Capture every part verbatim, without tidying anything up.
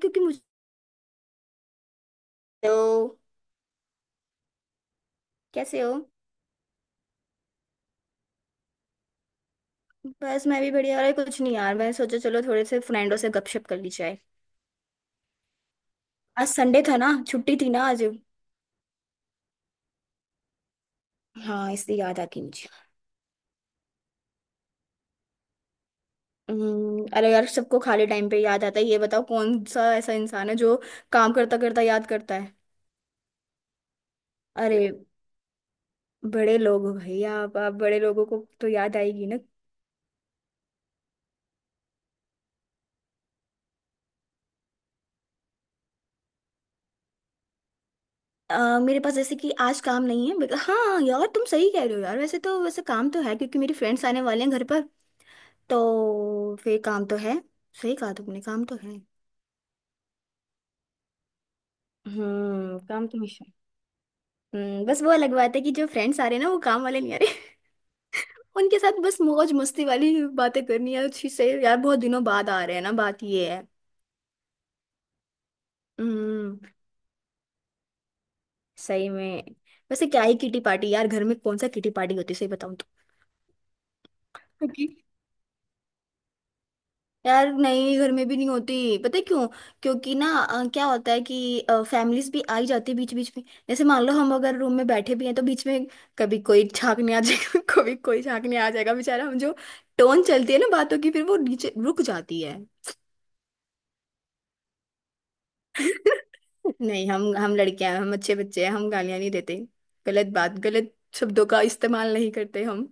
क्योंकि मुझे। हेलो। कैसे हो? बस मैं भी बढ़िया। अरे कुछ नहीं यार, मैंने सोचा चलो थोड़े से फ्रेंडों से गपशप कर ली जाए। आज संडे था ना, छुट्टी थी ना आज। हाँ, इसलिए याद आ गई मुझे। हम्म, अरे यार, सबको खाली टाइम पे याद आता है। ये बताओ कौन सा ऐसा इंसान है जो काम करता करता याद करता है। अरे बड़े लोग हो भाई, आप आप बड़े लोगों को तो याद आएगी ना। अ, मेरे पास जैसे कि आज काम नहीं है, बट हाँ यार तुम सही कह रहे हो। यार वैसे तो वैसे काम तो है, क्योंकि मेरी फ्रेंड्स आने वाले हैं घर पर। तो फिर काम तो है। सही कहा तुमने, काम तो है। हम्म, काम तो मिशन। हम्म, बस वो अलग बात है कि जो फ्रेंड्स आ रहे हैं ना वो काम वाले नहीं आ रहे। उनके साथ बस मौज मस्ती वाली बातें करनी है अच्छी से। यार बहुत दिनों बाद आ रहे हैं ना, बात ये है। हम्म, सही में। वैसे क्या ही किटी पार्टी यार, घर में कौन सा किटी पार्टी होती है सही बताऊं तो। यार नहीं, घर में भी नहीं होती, पता है क्यों? क्योंकि ना अ, क्या होता है कि फैमिलीज भी आ ही जाती है बीच बीच में। जैसे मान लो हम अगर रूम में बैठे भी हैं तो बीच में कभी कोई झांकने आ जाएगा। कभी कोई झांकने आ जाएगा, बेचारा हम जो टोन चलती है ना बातों की, फिर वो नीचे रुक जाती है। नहीं, हम हम लड़कियां हैं, हम अच्छे बच्चे हैं, हम गालियां नहीं देते। गलत बात, गलत शब्दों का इस्तेमाल नहीं करते हम।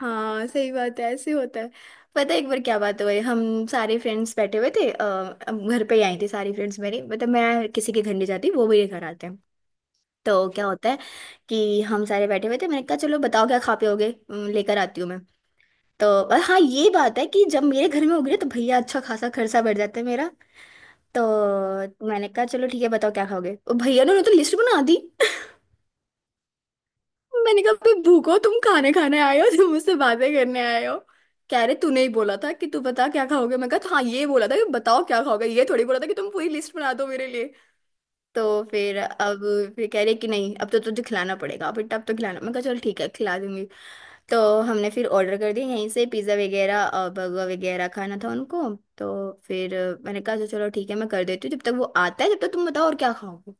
हाँ, सही बात है, ऐसे होता है। पता है एक बार क्या बात हुई, हम सारे फ्रेंड्स बैठे हुए थे, अ, हम घर पे ही आई थी सारी फ्रेंड्स मेरी। मतलब मैं किसी के घर नहीं जाती, वो मेरे घर आते हैं। तो क्या होता है कि हम सारे बैठे हुए थे, मैंने कहा चलो बताओ क्या खा पे होगे, अम, लेकर आती हूँ मैं। तो और हाँ ये बात है कि जब मेरे घर में होगी ना तो भैया अच्छा खासा खर्चा बढ़ जाता है मेरा। तो मैंने कहा चलो ठीक है, बताओ क्या खाओगे, और भैया ने उन्होंने तो लिस्ट बना दी। मैंने कहा, भाई भूखो तुम खाने खाने आए हो, तुम मुझसे बातें करने आए हो। कह रहे तूने ही बोला था कि तू बता क्या खाओगे, मैं कहा हाँ ये बोला था कि बताओ क्या खाओगे, ये थोड़ी बोला था कि तुम पूरी लिस्ट बना दो मेरे लिए। तो फिर अब फिर कह रहे कि नहीं अब तो तुझे खिलाना पड़ेगा, फिर तब तो खिलाना, मैं कहा चल ठीक है खिला दूंगी। तो हमने फिर ऑर्डर कर दिया यहीं से, पिज़्ज़ा वगैरह बर्गर वगैरह खाना था उनको। तो फिर अ, मैंने कहा, "अच्छा, चलो ठीक है मैं कर देती हूँ, जब तक वो आता है जब तक तुम बताओ और क्या खाओगे।"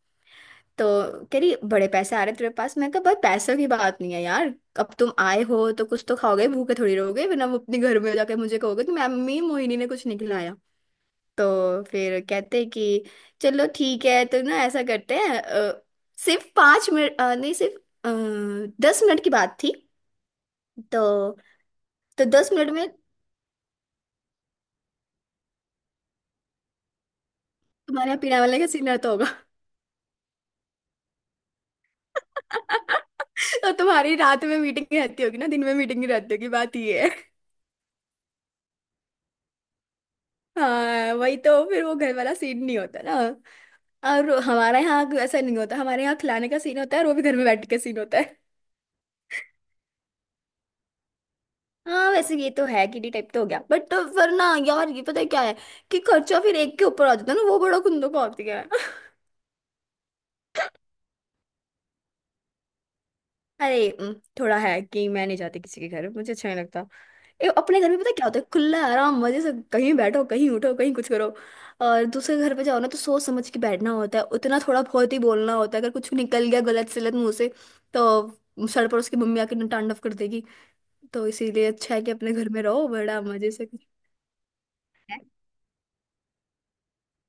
तो कह रही बड़े पैसे आ रहे हैं तेरे पास, मैं कहा भाई पैसों की बात नहीं है यार। अब तुम आए हो तो कुछ तो खाओगे, भूखे थोड़ी रहोगे, वरना वो अपने घर में जाके मुझे कहोगे कि मम्मी मोहिनी ने कुछ नहीं खिलाया। तो फिर कहते हैं कि चलो ठीक है तो ना ऐसा करते हैं, अ, सिर्फ पाँच मिनट, अ, नहीं सिर्फ आ, दस मिनट की बात थी। तो तो दस मिनट में। तुम्हारे यहाँ पीने वाले का सीन रहता होगा। तो तुम्हारी रात में मीटिंग रहती होगी ना, दिन में मीटिंग नहीं रहती होगी, बात ये। हाँ, वही तो, फिर वो घर वाला सीन नहीं होता ना। और हमारे यहाँ ऐसा नहीं होता, हमारे यहाँ खिलाने का सीन होता है, और वो भी घर में बैठ के सीन होता है। हाँ वैसे ये तो है, किडी टाइप तो हो गया बट, तो वरना यार ये पता है क्या है कि खर्चा फिर एक के ऊपर आ जाता है ना, वो बड़ा कुंदो का होती है। अरे उम, थोड़ा है कि मैं नहीं जाती किसी के घर, मुझे अच्छा नहीं लगता। ए, अपने घर में पता है क्या होता है, खुला आराम मजे से कहीं बैठो कहीं उठो कहीं कुछ करो। और दूसरे घर पे जाओ ना तो सोच समझ के बैठना होता है, उतना थोड़ा बहुत ही बोलना होता है, अगर कुछ निकल गया गलत सलत मुंह से तो सर पर उसकी मम्मी आके तांडव कर देगी। तो इसीलिए अच्छा है कि अपने घर में रहो बड़ा मजे से।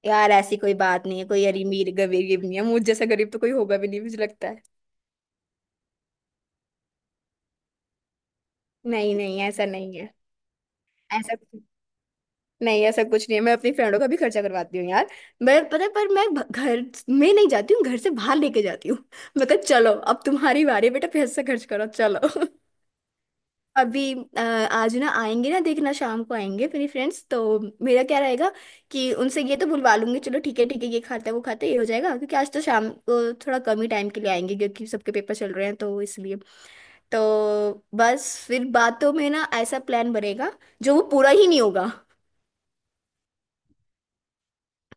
यार ऐसी कोई बात नहीं है, कोई अमीर गरीब नहीं है, मुझ जैसा गरीब तो कोई होगा भी नहीं मुझे लगता है। नहीं नहीं, ऐसा नहीं है, ऐसा नहीं ऐसा कुछ नहीं है, मैं अपनी फ्रेंडों का भी खर्चा करवाती हूँ यार। मैं पता है, पर मैं भ- घर में नहीं जाती हूँ, घर से बाहर लेके जाती हूँ। मतलब चलो अब तुम्हारी बारी है, बेटा पैसा खर्च करो चलो। अभी अ, आज ना आएंगे ना देखना, शाम को आएंगे मेरी फ्रेंड्स तो। मेरा क्या रहेगा कि उनसे ये तो बुलवा लूंगी चलो ठीक है ठीक है, ये खाता है वो खाता है ये हो जाएगा, क्योंकि आज तो शाम को थोड़ा कम ही टाइम के लिए आएंगे क्योंकि सबके पेपर चल रहे हैं तो इसलिए। तो बस फिर बातों में ना ऐसा प्लान बनेगा जो वो पूरा ही नहीं होगा।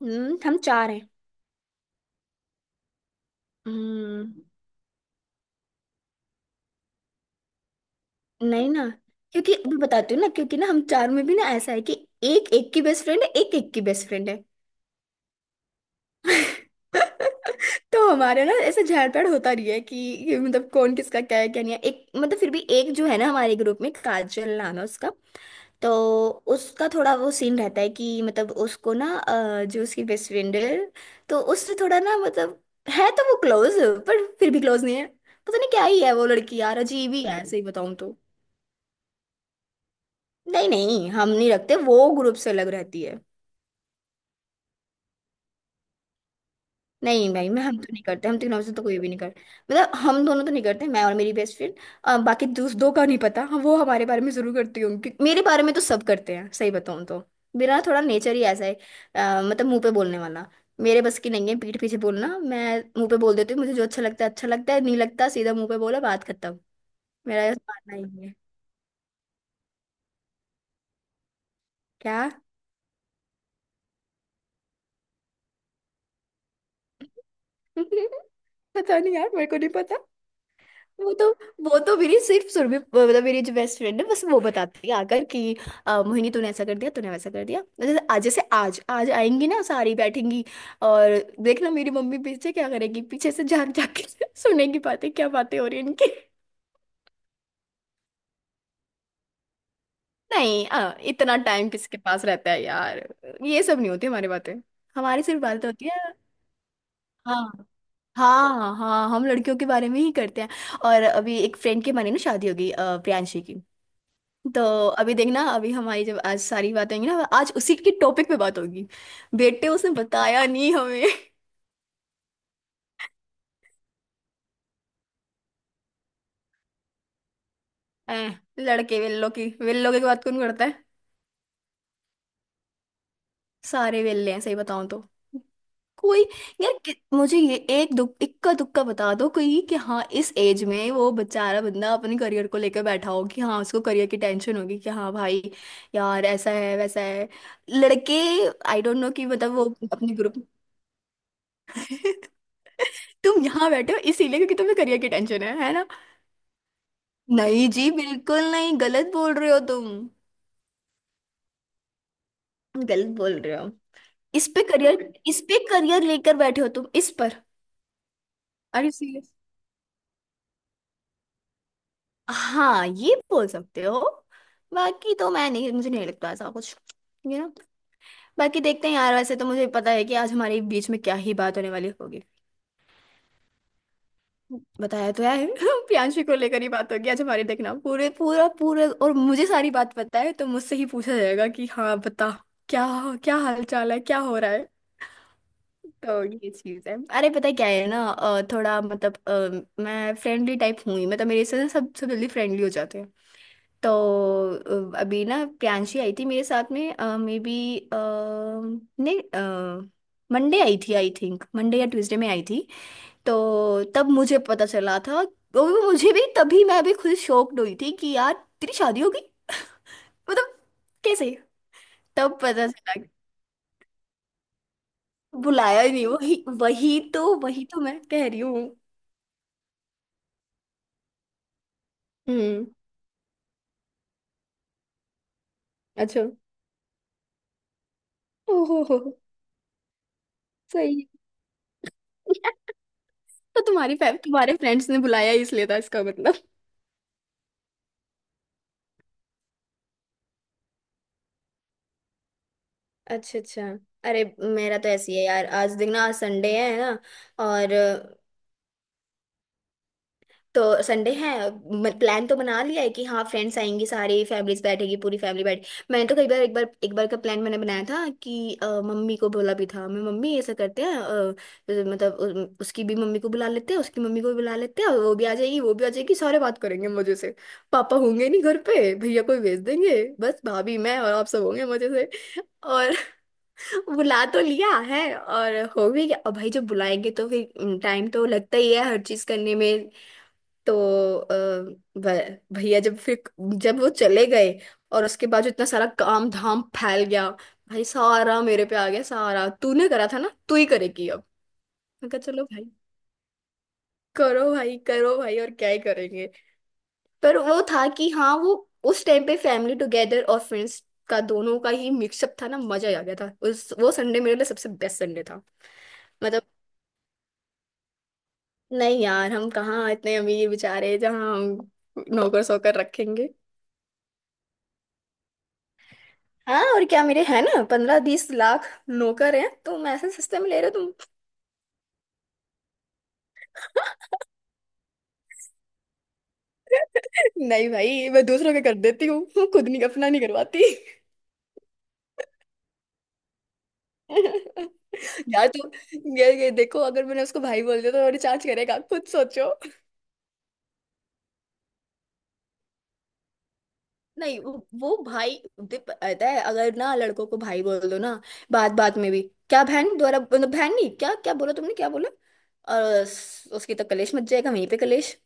हम्म, हम चार हैं। हम्म, नहीं ना। क्योंकि मैं बताती हूँ ना, क्योंकि ना हम चार में भी ना ऐसा है कि एक एक की बेस्ट फ्रेंड है, एक एक की बेस्ट फ्रेंड है। तो हमारे ना ऐसे झाड़ पेड़ होता रही है कि ये मतलब कौन किसका क्या है क्या नहीं है, एक मतलब फिर भी एक जो है ना, हमारे ग्रुप में काजल नाम है उसका। तो उसका थोड़ा वो सीन रहता है कि मतलब उसको ना अ, जो उसकी बेस्ट फ्रेंड है तो उससे थोड़ा ना मतलब है तो वो क्लोज, पर फिर भी क्लोज नहीं है। पता नहीं क्या ही है वो लड़की, यार अजीब ही है सही बताऊं तो। नहीं नहीं, हम नहीं रखते, वो ग्रुप से अलग रहती है। नहीं भाई, मैं हम तो नहीं करते, हम तीनों से तो कोई भी नहीं करते, मतलब हम दोनों तो नहीं करते मैं और मेरी बेस्ट फ्रेंड, बाकी दूस दो का नहीं पता। हाँ, वो हमारे बारे में जरूर करती होंगी क्योंकि मेरे बारे में तो सब करते हैं सही बताऊँ तो। मेरा ना थोड़ा नेचर ही ऐसा है, अ, मतलब मुंह पे बोलने वाला, मेरे बस की नहीं है पीठ पीछे बोलना, मैं मुंह पे बोल देती हूँ, मुझे जो अच्छा लगता है अच्छा लगता है, नहीं लगता सीधा मुंह पे बोला, बात खत्म। मेरा ऐसा मानना ही है। क्या? पता नहीं यार, मेरे को नहीं। वो तो वो तो मेरी सिर्फ सुरभि, मतलब मेरी जो बेस्ट फ्रेंड है बस वो बताती है आकर कि अ, मोहिनी तूने ऐसा कर दिया तूने वैसा कर दिया, जैसे आज जैसे आज आज आएंगी ना सारी बैठेंगी, और देखना मेरी मम्मी पीछे क्या करेगी, पीछे से झांक झांक के सुनेगी बातें, क्या बातें हो रही हैं इनकी। नहीं अ, इतना टाइम किसके पास रहता है यार, ये सब नहीं होती हमारी बातें, हमारी सिर्फ बातें होती है। हाँ हाँ हाँ हाँ, हम लड़कियों के बारे में ही करते हैं। और अभी एक फ्रेंड के माने ना शादी होगी, अ, प्रियांशी की। तो अभी देखना अभी हमारी जब आज सारी बातें होंगी ना आज उसी के टॉपिक पे बात होगी। बेटे उसने बताया नहीं हमें। ऐ, लड़के वेल्लो की वेल्लो की बात कौन करता है? सारे वेल्ले हैं सही बताऊं तो। कोई यार कि- मुझे ये एक दुख इक्का दुक्का बता दो कोई कि, हाँ इस एज में वो बेचारा बंदा अपने करियर को लेकर बैठा हो कि, हाँ उसको करियर की टेंशन होगी कि, हाँ भाई यार ऐसा है वैसा है। लड़के आई डोंट नो कि मतलब वो अपने ग्रुप। तुम यहाँ बैठे हो इसीलिए क्योंकि तुम्हें करियर की टेंशन है है ना। नहीं जी बिल्कुल नहीं, गलत बोल रहे हो तुम। गलत बोल रहे हो। इस पे करियर इस पे करियर लेकर बैठे हो तुम, इस पर। अरे सीरियस, हाँ ये बोल सकते हो, बाकी तो मैं नहीं, मुझे नहीं लगता ऐसा कुछ। यू नो बाकी देखते हैं यार, वैसे तो मुझे पता है कि आज हमारे बीच में क्या ही बात होने वाली होगी। बताया तो है। प्रियांशी को लेकर ही बात होगी आज हमारी देखना, पूरे पूरा पूरे और मुझे सारी बात पता है तो मुझसे ही पूछा जाएगा कि हाँ बता क्या? क्या हाल चाल है, क्या हो रहा है। तो ये चीज है, अरे पता है क्या है ना, अ, थोड़ा मतलब अ, मैं फ्रेंडली टाइप हूँ ही, मतलब मेरे से ना सब सब जल्दी फ्रेंडली हो जाते हैं। तो अ, अभी ना प्रियांशी आई थी मेरे साथ में, मे बी, नहीं मंडे आई थी, आई थिंक मंडे या ट्यूसडे में आई थी। तो तब मुझे पता चला था, और वो मुझे भी तभी, मैं भी खुद शॉक्ड हुई थी कि यार, तेरी शादी होगी? मतलब, कैसे? तब पता चला कि बुलाया ही नहीं। वही वही तो वही तो मैं कह रही हूँ। हम्म। अच्छा। ओहो हो हो, सही है। तो तुम्हारी फै- तुम्हारे फ्रेंड्स ने बुलाया ही इसलिए था इसका मतलब। अच्छा अच्छा। अरे, मेरा तो ऐसी है यार, आज देखना, आज संडे है ना। और तो संडे है। प्लान तो बना लिया है कि हाँ, फ्रेंड्स आएंगी, सारी फैमिलीज बैठेगी, पूरी फैमिली बैठ। मैंने तो कई बार एक बार एक बार का प्लान मैंने बनाया था कि अ, मम्मी को बोला भी था, मैं मम्मी ऐसा करते हैं, अ, अ, मतलब उ- उसकी भी मम्मी को बुला लेते हैं, उसकी मम्मी को भी बुला लेते हैं और वो भी आ जाएगी, वो भी आ जाएगी, सारे बात करेंगे मजे से। पापा होंगे नहीं घर पे, भैया को ही भेज देंगे, बस भाभी, मैं और आप सब होंगे मजे से। और बुला तो लिया है और हो भी गया, और भाई जब बुलाएंगे तो फिर टाइम तो लगता ही है हर चीज करने में। तो अ, भ- भैया जब फिर, जब वो चले गए और उसके बाद जो इतना सारा काम धाम फैल गया, भाई सारा मेरे पे आ गया, सारा तूने करा था ना तू ही करेगी अब। मैं कहा चलो भाई, करो भाई करो भाई, और क्या ही करेंगे। पर वो था कि हाँ वो, उस टाइम पे फैमिली टुगेदर और फ्रेंड्स का, दोनों का ही मिक्सअप था ना, मजा ही आ गया था, उस वो संडे मेरे लिए सबसे बेस्ट संडे था। मतलब, नहीं यार, हम कहाँ इतने अमीर, बेचारे जहाँ हम नौकर सोकर रखेंगे। हाँ और क्या, मेरे है ना पंद्रह बीस लाख नौकर हैं, तुम ऐसे सस्ते में ले रहे हो। तुम नहीं भाई, मैं दूसरों के कर देती हूँ खुद नहीं, अपना नहीं करवाती। यार, तो ये, ये देखो, अगर मैंने उसको भाई बोल दिया तो रिचार्ज करेगा, खुद सोचो। नहीं वो वो भाई, दे- पता है, अगर ना लड़कों को भाई बोल दो ना, बात बात में भी, क्या बहन द्वारा, मतलब बहन नहीं, क्या, क्या बोला तुमने, क्या बोला, और उस- उसकी तो कलेश मच जाएगा वहीं पे, कलेश।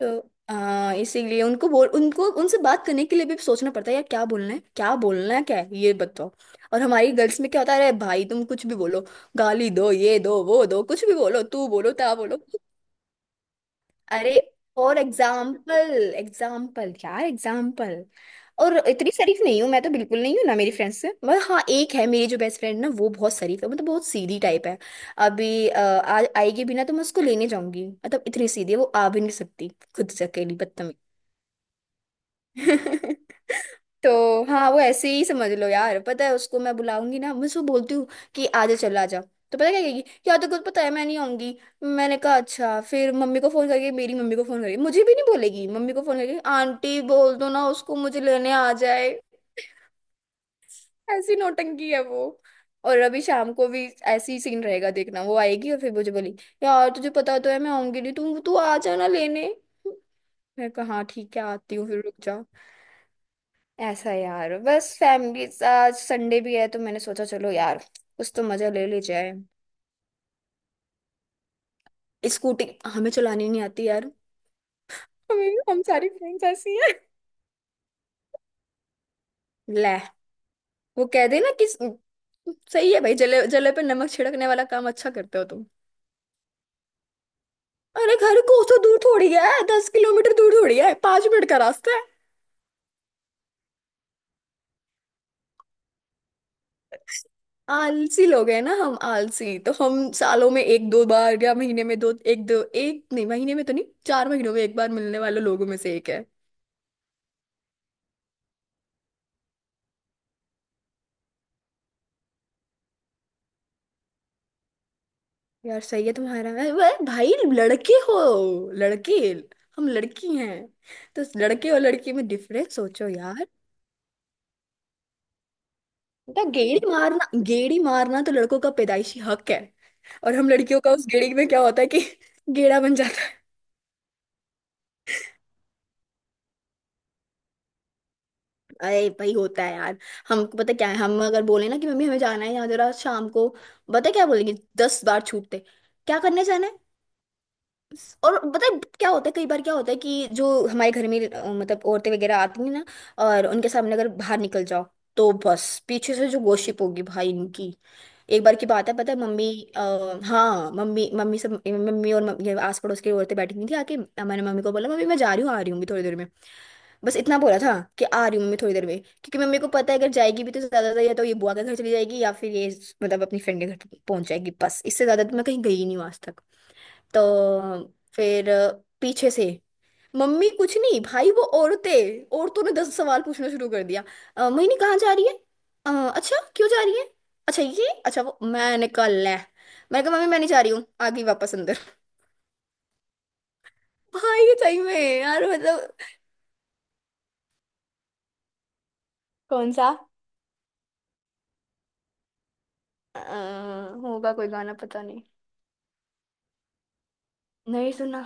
तो आ, इसीलिए उनको बोल, उनको, उनसे बात करने के लिए भी सोचना पड़ता है यार, क्या बोलना है, क्या बोलना है, क्या है ये बताओ। और हमारी गर्ल्स में क्या होता है, अरे भाई तुम कुछ भी बोलो, गाली दो, ये दो वो दो, कुछ भी बोलो, तू बोलो, ता बोलो। अरे, फॉर एग्जाम्पल, एग्जाम्पल यार, एग्जाम्पल। और इतनी शरीफ नहीं हूँ मैं, तो बिल्कुल नहीं हूँ ना मेरी फ्रेंड्स से, मगर हाँ एक है मेरी जो बेस्ट फ्रेंड, ना वो बहुत शरीफ है, मतलब बहुत सीधी टाइप है। अभी अ, आ, आएगी भी ना तो मैं उसको लेने जाऊंगी, मतलब इतनी सीधी है वो आ भी नहीं सकती खुद से अकेली। तो हाँ वो ऐसे ही समझ लो यार, पता है उसको मैं बुलाऊंगी ना, मैं उसको बोलती हूँ कि आ जा, चल आ जा, तो पता है क्या कहेगी, यार तो कुछ, पता है मैं नहीं आऊंगी। मैंने कहा अच्छा फिर मम्मी को फोन करके, मेरी मम्मी को फोन करके, मुझे भी नहीं बोलेगी, मम्मी को फोन करके आंटी बोल दो ना उसको, मुझे लेने आ जाए। ऐसी नौटंकी है वो। और अभी शाम को भी ऐसी सीन रहेगा देखना, वो आएगी और फिर मुझे बोली, यार तुझे पता तो है, मैं आऊंगी नहीं, तू तू आ जाना लेने। मैं कहा हाँ ठीक है, आती हूँ, फिर रुक जा। ऐसा यार, बस फैमिली, आज संडे भी है तो मैंने सोचा चलो यार, कुछ तो मजा ले ली जाए। स्कूटी, हमें चलानी नहीं आती यार, हमें, हम सारी फ्रेंड्स ऐसी हैं। ले, वो कह देना कि सही है भाई, जले जले पे नमक छिड़कने वाला काम अच्छा करते हो तुम। अरे, घर कोसों दूर थोड़ी है, दस किलोमीटर दूर थोड़ी है, पांच मिनट का रास्ता है। आलसी लोग हैं ना हम, आलसी तो हम, सालों में एक दो बार या महीने में दो एक, दो एक नहीं, महीने में तो नहीं, चार महीनों में एक बार मिलने वाले लोगों में से एक है। यार सही है तुम्हारा, अरे वाह, भाई लड़के हो लड़के, हम लड़की हैं, तो उस लड़के और लड़की में डिफरेंस सोचो यार। बेटा, गेड़ी मारना, गेड़ी मारना तो लड़कों का पैदाइशी हक है। और हम लड़कियों का उस गेड़ी में क्या होता है कि गेड़ा बन जाता है। अरे भाई होता है यार, हमको पता क्या है, हम अगर बोले ना कि मम्मी हमें जाना है यहाँ जरा शाम को, पता क्या बोलेंगे, दस बार छूटते, क्या करने जाना है। और पता है क्या होता है, कई बार क्या होता है कि जो हमारे घर में अ, मतलब औरतें वगैरह आती हैं ना, और उनके सामने अगर बाहर निकल जाओ तो बस पीछे से जो गॉसिप होगी भाई इनकी। एक बार की बात है, पता है मम्मी, आ, हाँ मम्मी मम्मी सब मम्मी और मम्मी, ये आस पड़ोस की औरतें बैठी हुई थी आके, अ, मैंने मम्मी को बोला मम्मी मैं जा रही हूँ, आ रही हूँ अभी थोड़ी देर में। बस इतना बोला था कि आ रही हूँ मम्मी थोड़ी देर में, क्योंकि मम्मी को पता है अगर जाएगी भी तो ज्यादा या तो ये बुआ के घर चली जाएगी या फिर ये, मतलब अपनी फ्रेंड के घर पहुंच जाएगी, बस इससे ज्यादा तो मैं कहीं गई नहीं हूँ आज तक। तो फिर अ, पीछे से मम्मी कुछ नहीं भाई वो औरतें, औरतों ने दस सवाल पूछना शुरू कर दिया। "अ, मोहिनी कहाँ जा रही है, "अ, अच्छा क्यों जा रही है, अच्छा ये अच्छा वो, मैंने कहा ले, मैंने कहा मम्मी मैं नहीं जा रही हूँ, आ गई वापस अंदर। भाई ये सही में, यार मतलब, कौन सा? अ, होगा कोई गाना, पता नहीं। नहीं सुना।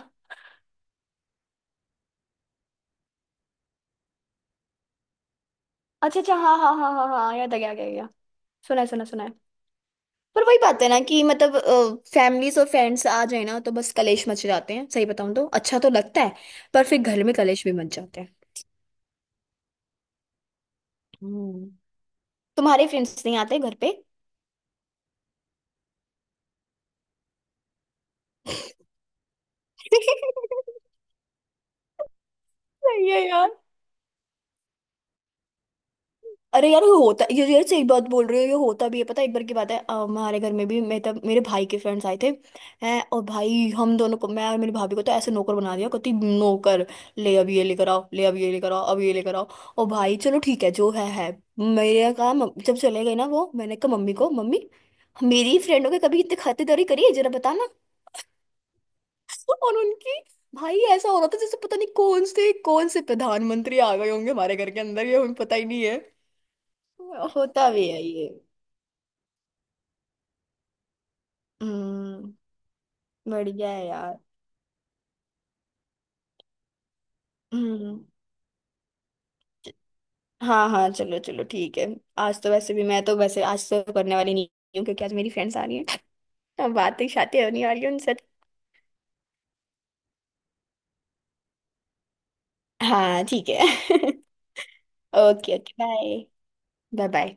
अच्छा अच्छा, हाँ हाँ हाँ हाँ हाँ, याद आ गया, आ गया, आ गया। सुना है, सुना है, सुना है। पर वही बात है ना कि मतलब फैमिलीज और फ्रेंड्स आ जाए ना तो बस कलेश मच जाते हैं, सही बताऊं तो अच्छा तो लगता है, पर फिर घर में कलेश भी मच जाते हैं। हम्म। तुम्हारे फ्रेंड्स नहीं आते घर पे? सही है यार। अरे यार होता ये, यार सही बात बोल रही हो, ये होता भी है, पता है एक बार की बात है, अ, हमारे घर में भी मेरे, तब मेरे भाई के फ्रेंड्स आए थे, हैं। और भाई हम दोनों को, मैं और मेरी भाभी को तो ऐसे नौकर बना दिया, कहती नौकर, ले अब ये लेकर आओ, ले अब ये लेकर आओ, अब ये लेकर आओ। और भाई चलो ठीक है जो है है। मेरे कहा "मम- जब चले गए ना वो, मैंने कहा मम्मी को, मम्मी मेरी फ्रेंडों के कभी इतने खातिरदारी करी है जरा बताना, और उनकी, भाई ऐसा हो रहा था जैसे पता नहीं कौन से कौन से प्रधानमंत्री आ गए होंगे हमारे घर के अंदर, ये हमें पता ही नहीं है। होता भी है ये। हम्म। बढ़िया है यार। हम्म। हाँ हाँ चलो चलो ठीक है। आज तो वैसे भी, मैं तो वैसे आज तो करने वाली नहीं हूँ क्योंकि आज मेरी फ्रेंड्स आ रही हैं। अब बातें शातें होने वाली हैं उनसे। हाँ ठीक है। Okay okay bye bye bye.